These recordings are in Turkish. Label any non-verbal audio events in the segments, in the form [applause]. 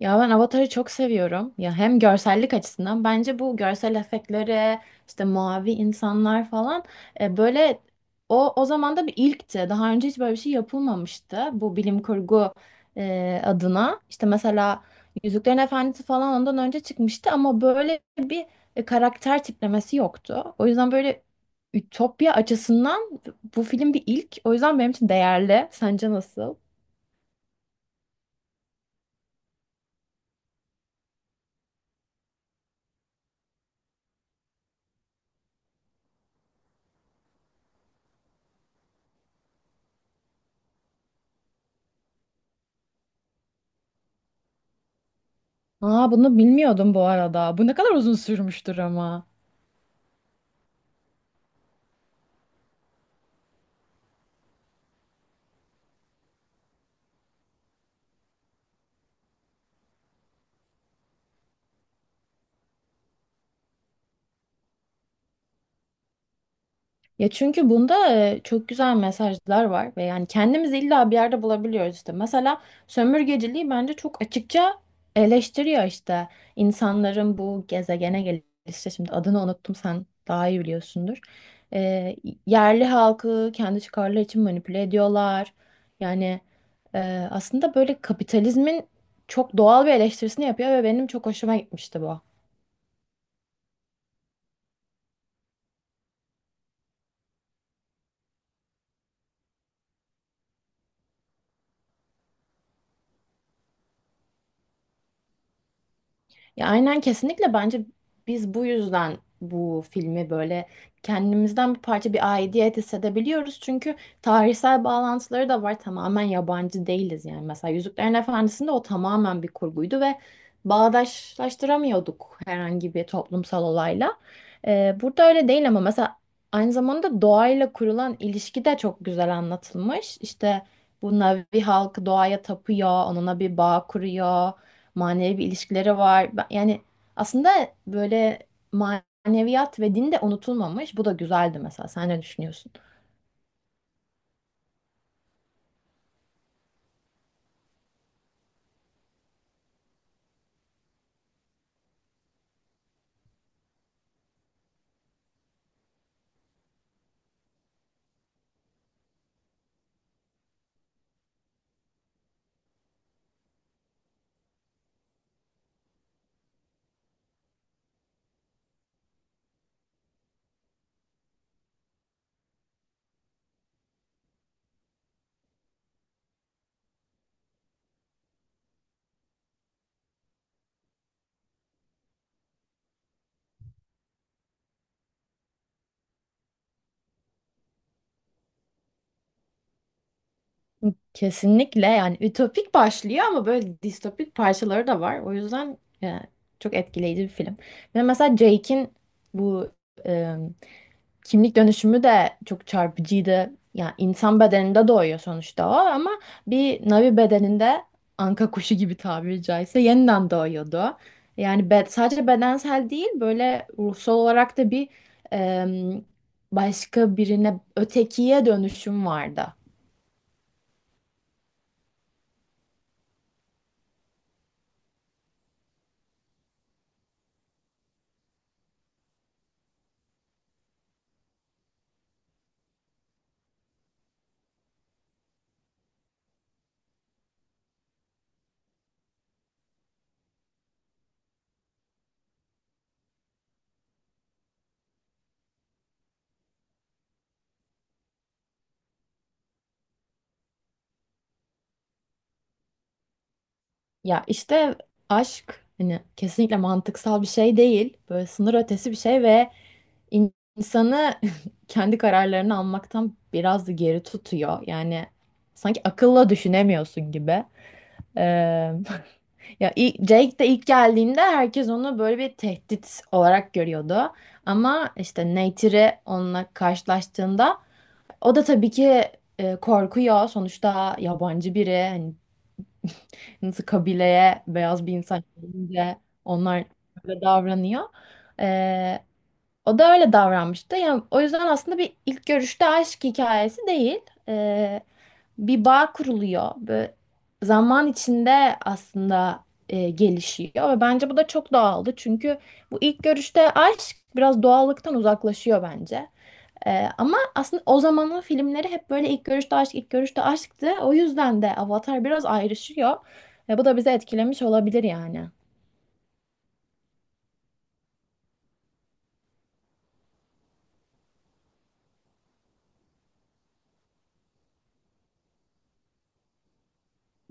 Ya ben Avatar'ı çok seviyorum. Ya hem görsellik açısından bence bu görsel efektleri, işte mavi insanlar falan böyle o zaman da bir ilkti. Daha önce hiç böyle bir şey yapılmamıştı bu bilim kurgu adına. İşte mesela Yüzüklerin Efendisi falan ondan önce çıkmıştı ama böyle bir karakter tiplemesi yoktu. O yüzden böyle ütopya açısından bu film bir ilk. O yüzden benim için değerli. Sence nasıl? Aa, bunu bilmiyordum bu arada. Bu ne kadar uzun sürmüştür ama. Ya çünkü bunda çok güzel mesajlar var ve yani kendimizi illa bir yerde bulabiliyoruz işte. Mesela sömürgeciliği bence çok açıkça eleştiriyor işte. İnsanların bu gezegene gelişi, şimdi adını unuttum, sen daha iyi biliyorsundur. E, Yerli halkı kendi çıkarları için manipüle ediyorlar. Yani aslında böyle kapitalizmin çok doğal bir eleştirisini yapıyor ve benim çok hoşuma gitmişti bu. Ya aynen, kesinlikle bence biz bu yüzden bu filmi böyle kendimizden bir parça, bir aidiyet hissedebiliyoruz. Çünkü tarihsel bağlantıları da var. Tamamen yabancı değiliz yani. Mesela Yüzüklerin Efendisi'nde o tamamen bir kurguydu ve bağdaşlaştıramıyorduk herhangi bir toplumsal olayla. Burada öyle değil ama mesela aynı zamanda doğayla kurulan ilişki de çok güzel anlatılmış. İşte bu Navi halkı doğaya tapıyor, onunla bir bağ kuruyor, manevi bir ilişkileri var. Yani aslında böyle maneviyat ve din de unutulmamış. Bu da güzeldi mesela. Sen ne düşünüyorsun? Kesinlikle, yani ütopik başlıyor ama böyle distopik parçaları da var. O yüzden çok etkileyici bir film. Ve mesela Jake'in bu kimlik dönüşümü de çok çarpıcıydı. Yani insan bedeninde doğuyor sonuçta o ama bir Navi bedeninde anka kuşu gibi, tabiri caizse, yeniden doğuyordu. Yani sadece bedensel değil, böyle ruhsal olarak da bir em, başka birine, ötekiye dönüşüm vardı. Ya işte aşk hani kesinlikle mantıksal bir şey değil. Böyle sınır ötesi bir şey ve insanı [laughs] kendi kararlarını almaktan biraz da geri tutuyor. Yani sanki akılla düşünemiyorsun gibi. Ee, [laughs] ya Jake de ilk geldiğinde herkes onu böyle bir tehdit olarak görüyordu. Ama işte Neytiri onunla karşılaştığında o da tabii ki korkuyor. Sonuçta yabancı biri. Hani nasıl kabileye beyaz bir insan gelince onlar böyle davranıyor. Ee, O da öyle davranmıştı. Yani o yüzden aslında bir ilk görüşte aşk hikayesi değil. Ee, Bir bağ kuruluyor. Böyle zaman içinde aslında gelişiyor ve bence bu da çok doğaldı. Çünkü bu ilk görüşte aşk biraz doğallıktan uzaklaşıyor bence. Ama aslında o zamanın filmleri hep böyle ilk görüşte aşk, ilk görüşte aşktı. O yüzden de Avatar biraz ayrışıyor. Ve bu da bizi etkilemiş olabilir yani.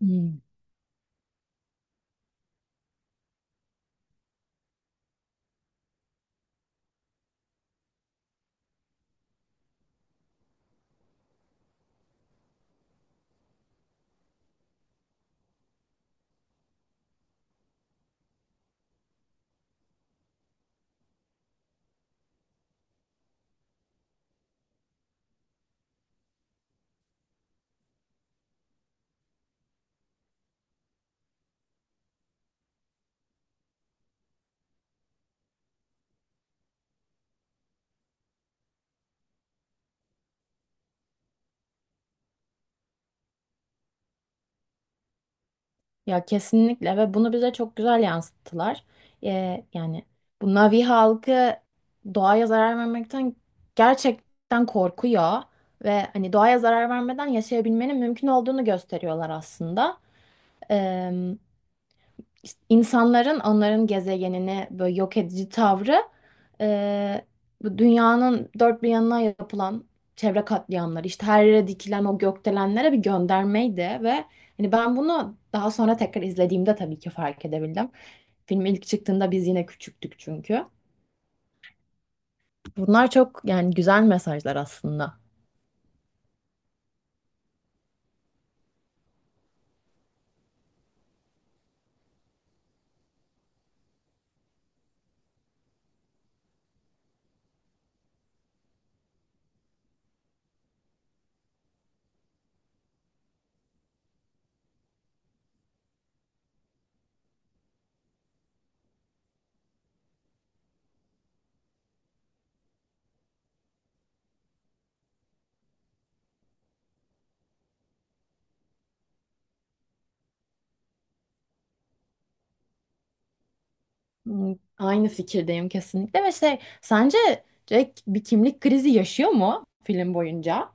Hmm. Ya kesinlikle, ve bunu bize çok güzel yansıttılar. Yani bu Navi halkı doğaya zarar vermekten gerçekten korkuyor ve hani doğaya zarar vermeden yaşayabilmenin mümkün olduğunu gösteriyorlar aslında. İnsanların onların gezegenini böyle yok edici tavrı, e, bu dünyanın dört bir yanına yapılan çevre katliamları, işte her yere dikilen o gökdelenlere bir göndermeydi ve hani ben bunu daha sonra tekrar izlediğimde tabii ki fark edebildim. Film ilk çıktığında biz yine küçüktük çünkü. Bunlar çok yani güzel mesajlar aslında. Aynı fikirdeyim kesinlikle, ve şey, sence Jack bir kimlik krizi yaşıyor mu film boyunca?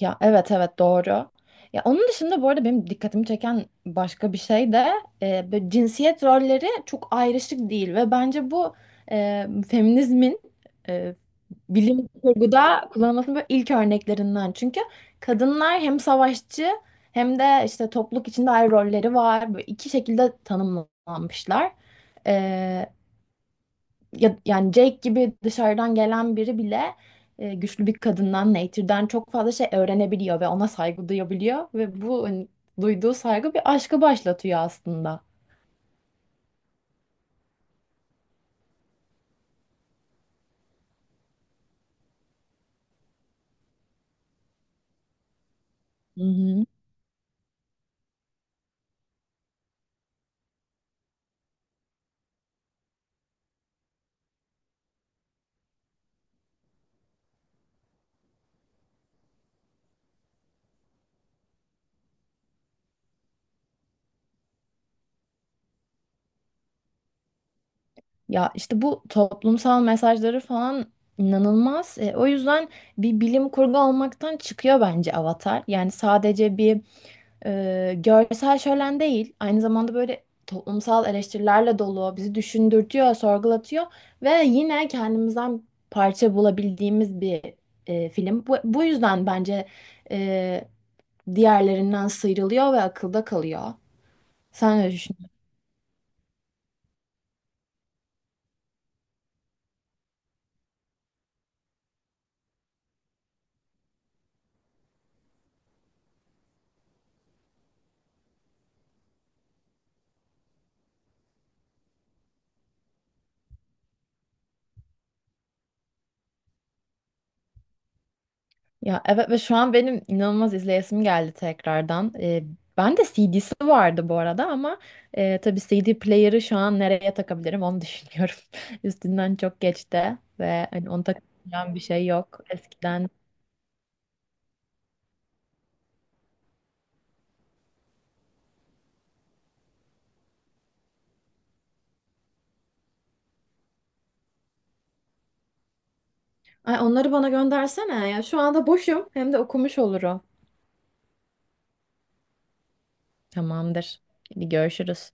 Ya evet evet doğru. Ya onun dışında, bu arada, benim dikkatimi çeken başka bir şey de böyle cinsiyet rolleri çok ayrışık değil ve bence bu feminizmin e, bilim kurguda kullanılmasının böyle ilk örneklerinden. Çünkü kadınlar hem savaşçı hem de işte topluluk içinde ayrı rolleri var. Böyle iki şekilde tanımlanmışlar ya, yani Jake gibi dışarıdan gelen biri bile güçlü bir kadından, Nature'den, çok fazla şey öğrenebiliyor ve ona saygı duyabiliyor ve bu, hani, duyduğu saygı bir aşkı başlatıyor aslında. Hı hı. Ya işte bu toplumsal mesajları falan inanılmaz. O yüzden bir bilim kurgu olmaktan çıkıyor bence Avatar. Yani sadece bir görsel şölen değil, aynı zamanda böyle toplumsal eleştirilerle dolu, bizi düşündürtüyor, sorgulatıyor ve yine kendimizden parça bulabildiğimiz bir film. Bu yüzden bence e, diğerlerinden sıyrılıyor ve akılda kalıyor. Sen ne Ya evet, ve şu an benim inanılmaz izleyesim geldi tekrardan. Ben de CD'si vardı bu arada ama tabii CD player'ı şu an nereye takabilirim onu düşünüyorum. [laughs] Üstünden çok geçti ve hani onu takabileceğim bir şey yok eskiden. Ay onları bana göndersene ya. Şu anda boşum hem de okumuş olurum. Tamamdır. Hadi görüşürüz.